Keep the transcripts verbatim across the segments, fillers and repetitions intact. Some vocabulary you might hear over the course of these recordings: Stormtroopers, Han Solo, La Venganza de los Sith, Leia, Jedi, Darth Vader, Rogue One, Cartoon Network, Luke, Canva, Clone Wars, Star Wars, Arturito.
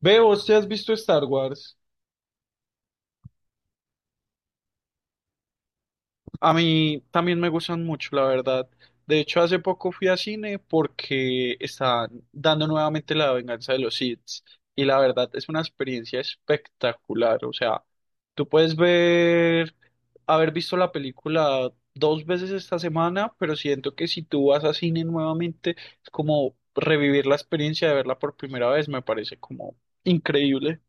Veo, ¿usted has visto Star Wars? A mí también me gustan mucho, la verdad. De hecho, hace poco fui a cine porque están dando nuevamente la venganza de los Sith. Y la verdad es una experiencia espectacular. O sea, tú puedes ver, haber visto la película dos veces esta semana, pero siento que si tú vas a cine nuevamente, es como revivir la experiencia de verla por primera vez. Me parece como increíble.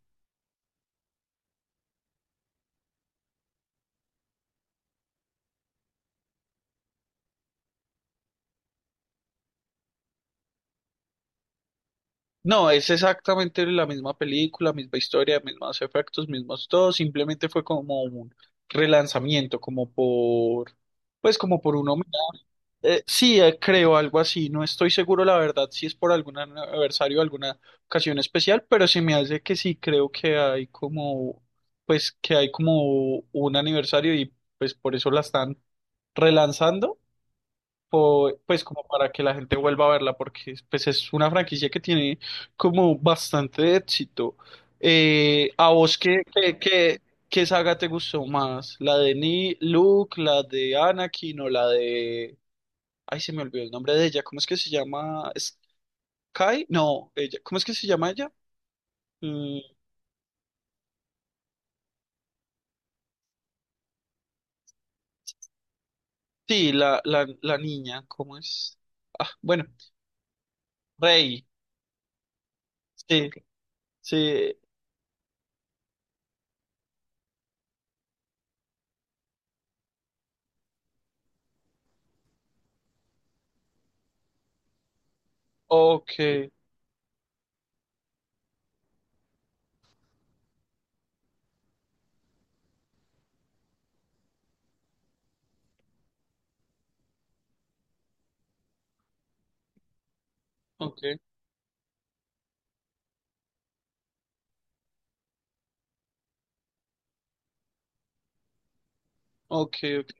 No, es exactamente la misma película, misma historia, mismos efectos, mismos todo, simplemente fue como un relanzamiento, como por, pues como por un homenaje. Eh, sí, eh, creo algo así, no estoy seguro la verdad si es por algún aniversario, alguna ocasión especial, pero se me hace que sí, creo que hay como, pues que hay como un aniversario y pues por eso la están relanzando po- pues como para que la gente vuelva a verla, porque pues es una franquicia que tiene como bastante éxito. Eh, ¿a vos qué, qué, qué, qué saga te gustó más? ¿La de Ni Luke, la de Anakin o la de... Ay, se me olvidó el nombre de ella, ¿cómo es que se llama? ¿Sky? No, ella, ¿cómo es que se llama ella? Mm, sí, la, la, la niña, ¿cómo es? Ah, bueno, Rey, sí, sí, ok, ok, ok, ok,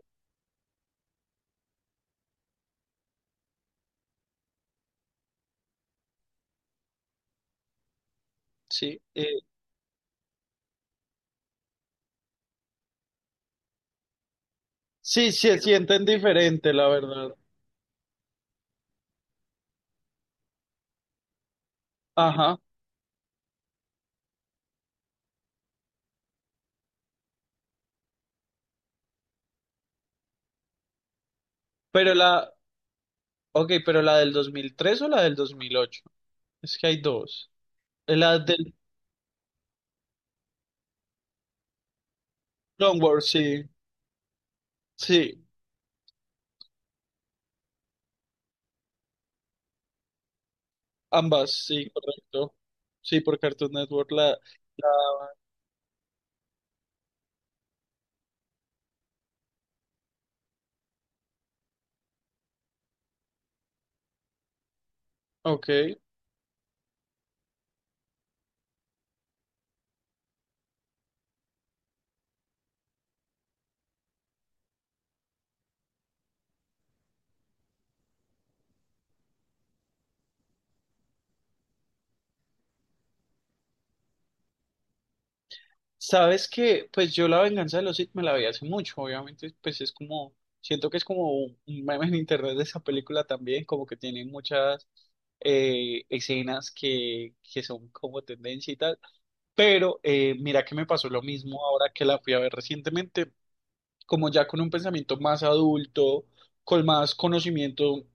sí. eh, Sí, se sienten diferente, la verdad. Ajá. Pero la, ok, pero la del dos mil tres o la del dos mil ocho. Es que hay dos. La del Clone Wars, sí. Sí, ambas, sí, correcto. Sí, por Cartoon Network, la, la, ok. Sabes que, pues yo La Venganza de los Sith me la vi hace mucho, obviamente, pues es como, siento que es como un un meme en internet de esa película también, como que tiene muchas eh, escenas que, que son como tendencia y tal. Pero eh, mira que me pasó lo mismo ahora que la fui a ver recientemente, como ya con un pensamiento más adulto, con más conocimiento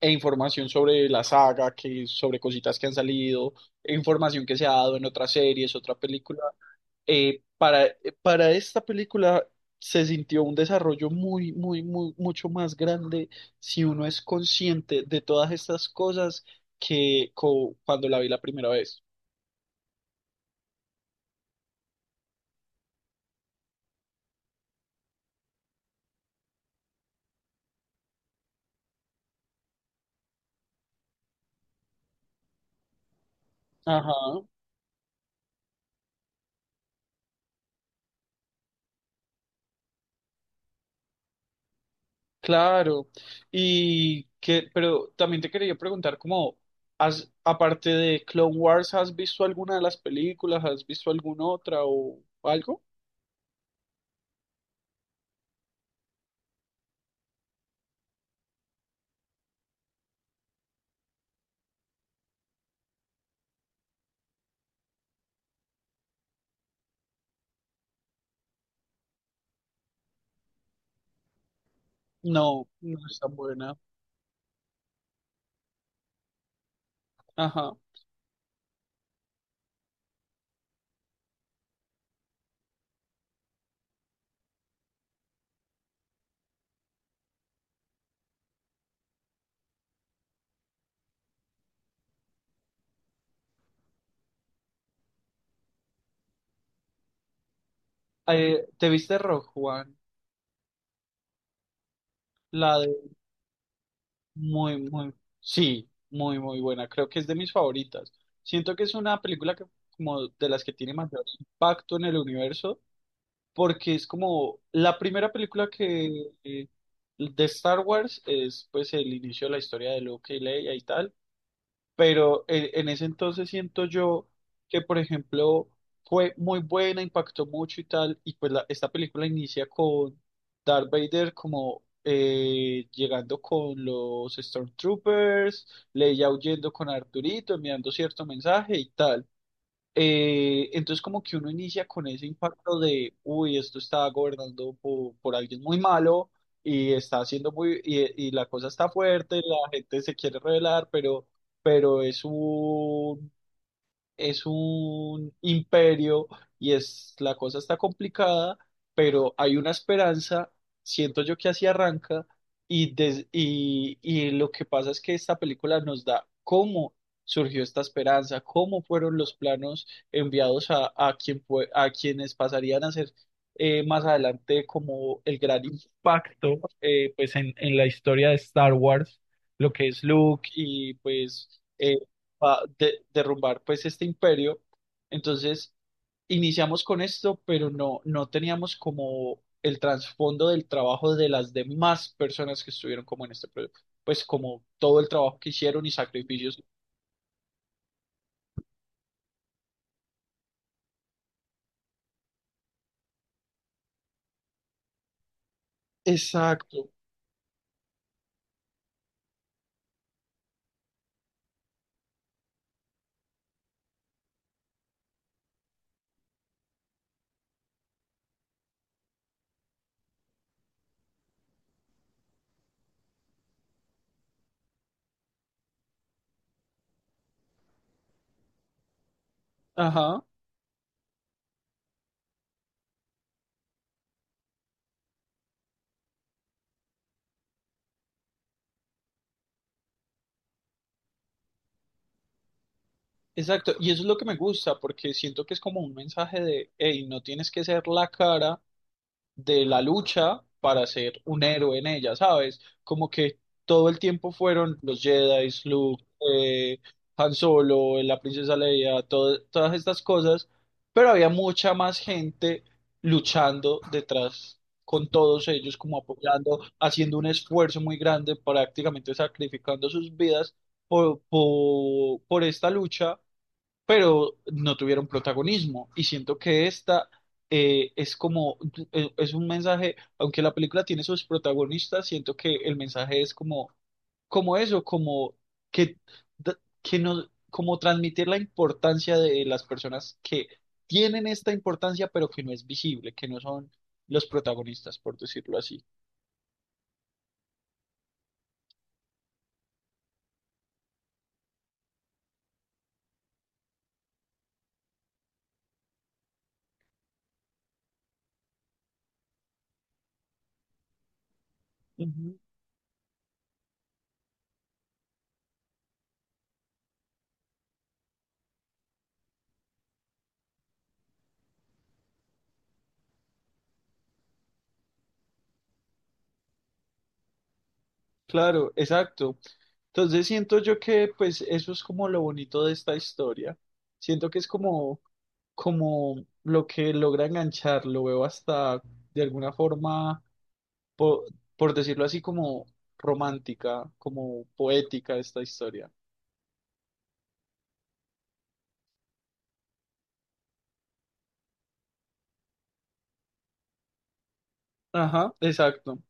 e información sobre la saga, que sobre cositas que han salido, e información que se ha dado en otras series, otra película. eh, para, eh, para esta película se sintió un desarrollo muy, muy, muy, mucho más grande si uno es consciente de todas estas cosas que co- cuando la vi la primera vez. Ajá. Claro, y que, pero también te quería preguntar, como, has, aparte de Clone Wars, ¿has visto alguna de las películas? ¿Has visto alguna otra o algo? No, no es tan buena. Ajá. Eh, ¿te viste Rogue One? La de muy, muy, sí, muy, muy buena. Creo que es de mis favoritas. Siento que es una película que, como, de las que tiene mayor impacto en el universo porque es como la primera película que eh, de Star Wars es pues el inicio de la historia de Luke y Leia y tal, pero eh, en ese entonces siento yo que por ejemplo fue muy buena, impactó mucho y tal, y pues la- esta película inicia con Darth Vader como eh, llegando con los Stormtroopers, Leia huyendo con Arturito, enviando cierto mensaje y tal. Eh, entonces como que uno inicia con ese impacto de, uy, esto está gobernando por por, alguien muy malo y está haciendo muy, y, y la cosa está fuerte, la gente se quiere rebelar, pero, pero es un, es un imperio y es la cosa está complicada, pero hay una esperanza, siento yo que así arranca y, des- y, y lo que pasa es que esta película nos da cómo surgió esta esperanza, cómo fueron los planos enviados a, a, quien fue- a quienes pasarían a ser eh, más adelante como el gran impacto eh, pues en, en la historia de Star Wars, lo que es Luke y pues eh, a de- derrumbar pues este imperio. Entonces iniciamos con esto, pero no, no teníamos como el trasfondo del trabajo de las demás personas que estuvieron como en este proyecto, pues como todo el trabajo que hicieron y sacrificios. Exacto, ajá, exacto. Y eso es lo que me gusta, porque siento que es como un mensaje de, hey, no tienes que ser la cara de la lucha para ser un héroe en ella, ¿sabes? Como que todo el tiempo fueron los Jedi, Luke, eh, Han Solo, la princesa Leia, todo- todas estas cosas, pero había mucha más gente luchando detrás con todos ellos, como apoyando, haciendo un esfuerzo muy grande, prácticamente sacrificando sus vidas por, por por esta lucha pero no tuvieron protagonismo. Y siento que esta eh, es como, eh, es un mensaje, aunque la película tiene sus protagonistas, siento que el mensaje es como, como eso, como que, d- que no, como transmitir la importancia de las personas que tienen esta importancia, pero que no es visible, que no son los protagonistas, por decirlo así. Ujú. Claro, exacto. Entonces siento yo que pues eso es como lo bonito de esta historia. Siento que es como, como lo que logra enganchar, lo veo hasta de alguna forma, po- por, decirlo así, como romántica, como poética esta historia. Ajá, exacto.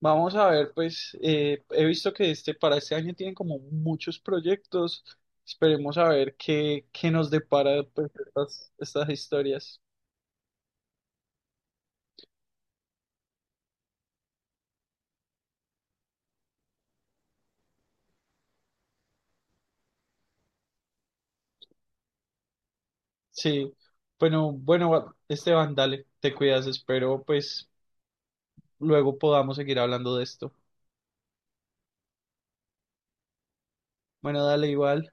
Vamos a ver, pues eh, he visto que este para este año tienen como muchos proyectos. Esperemos a ver qué, qué nos depara pues, estas, estas historias. Sí, bueno, bueno, Wa- Esteban, dale, te cuidas, espero pues luego podamos seguir hablando de esto. Bueno, dale igual.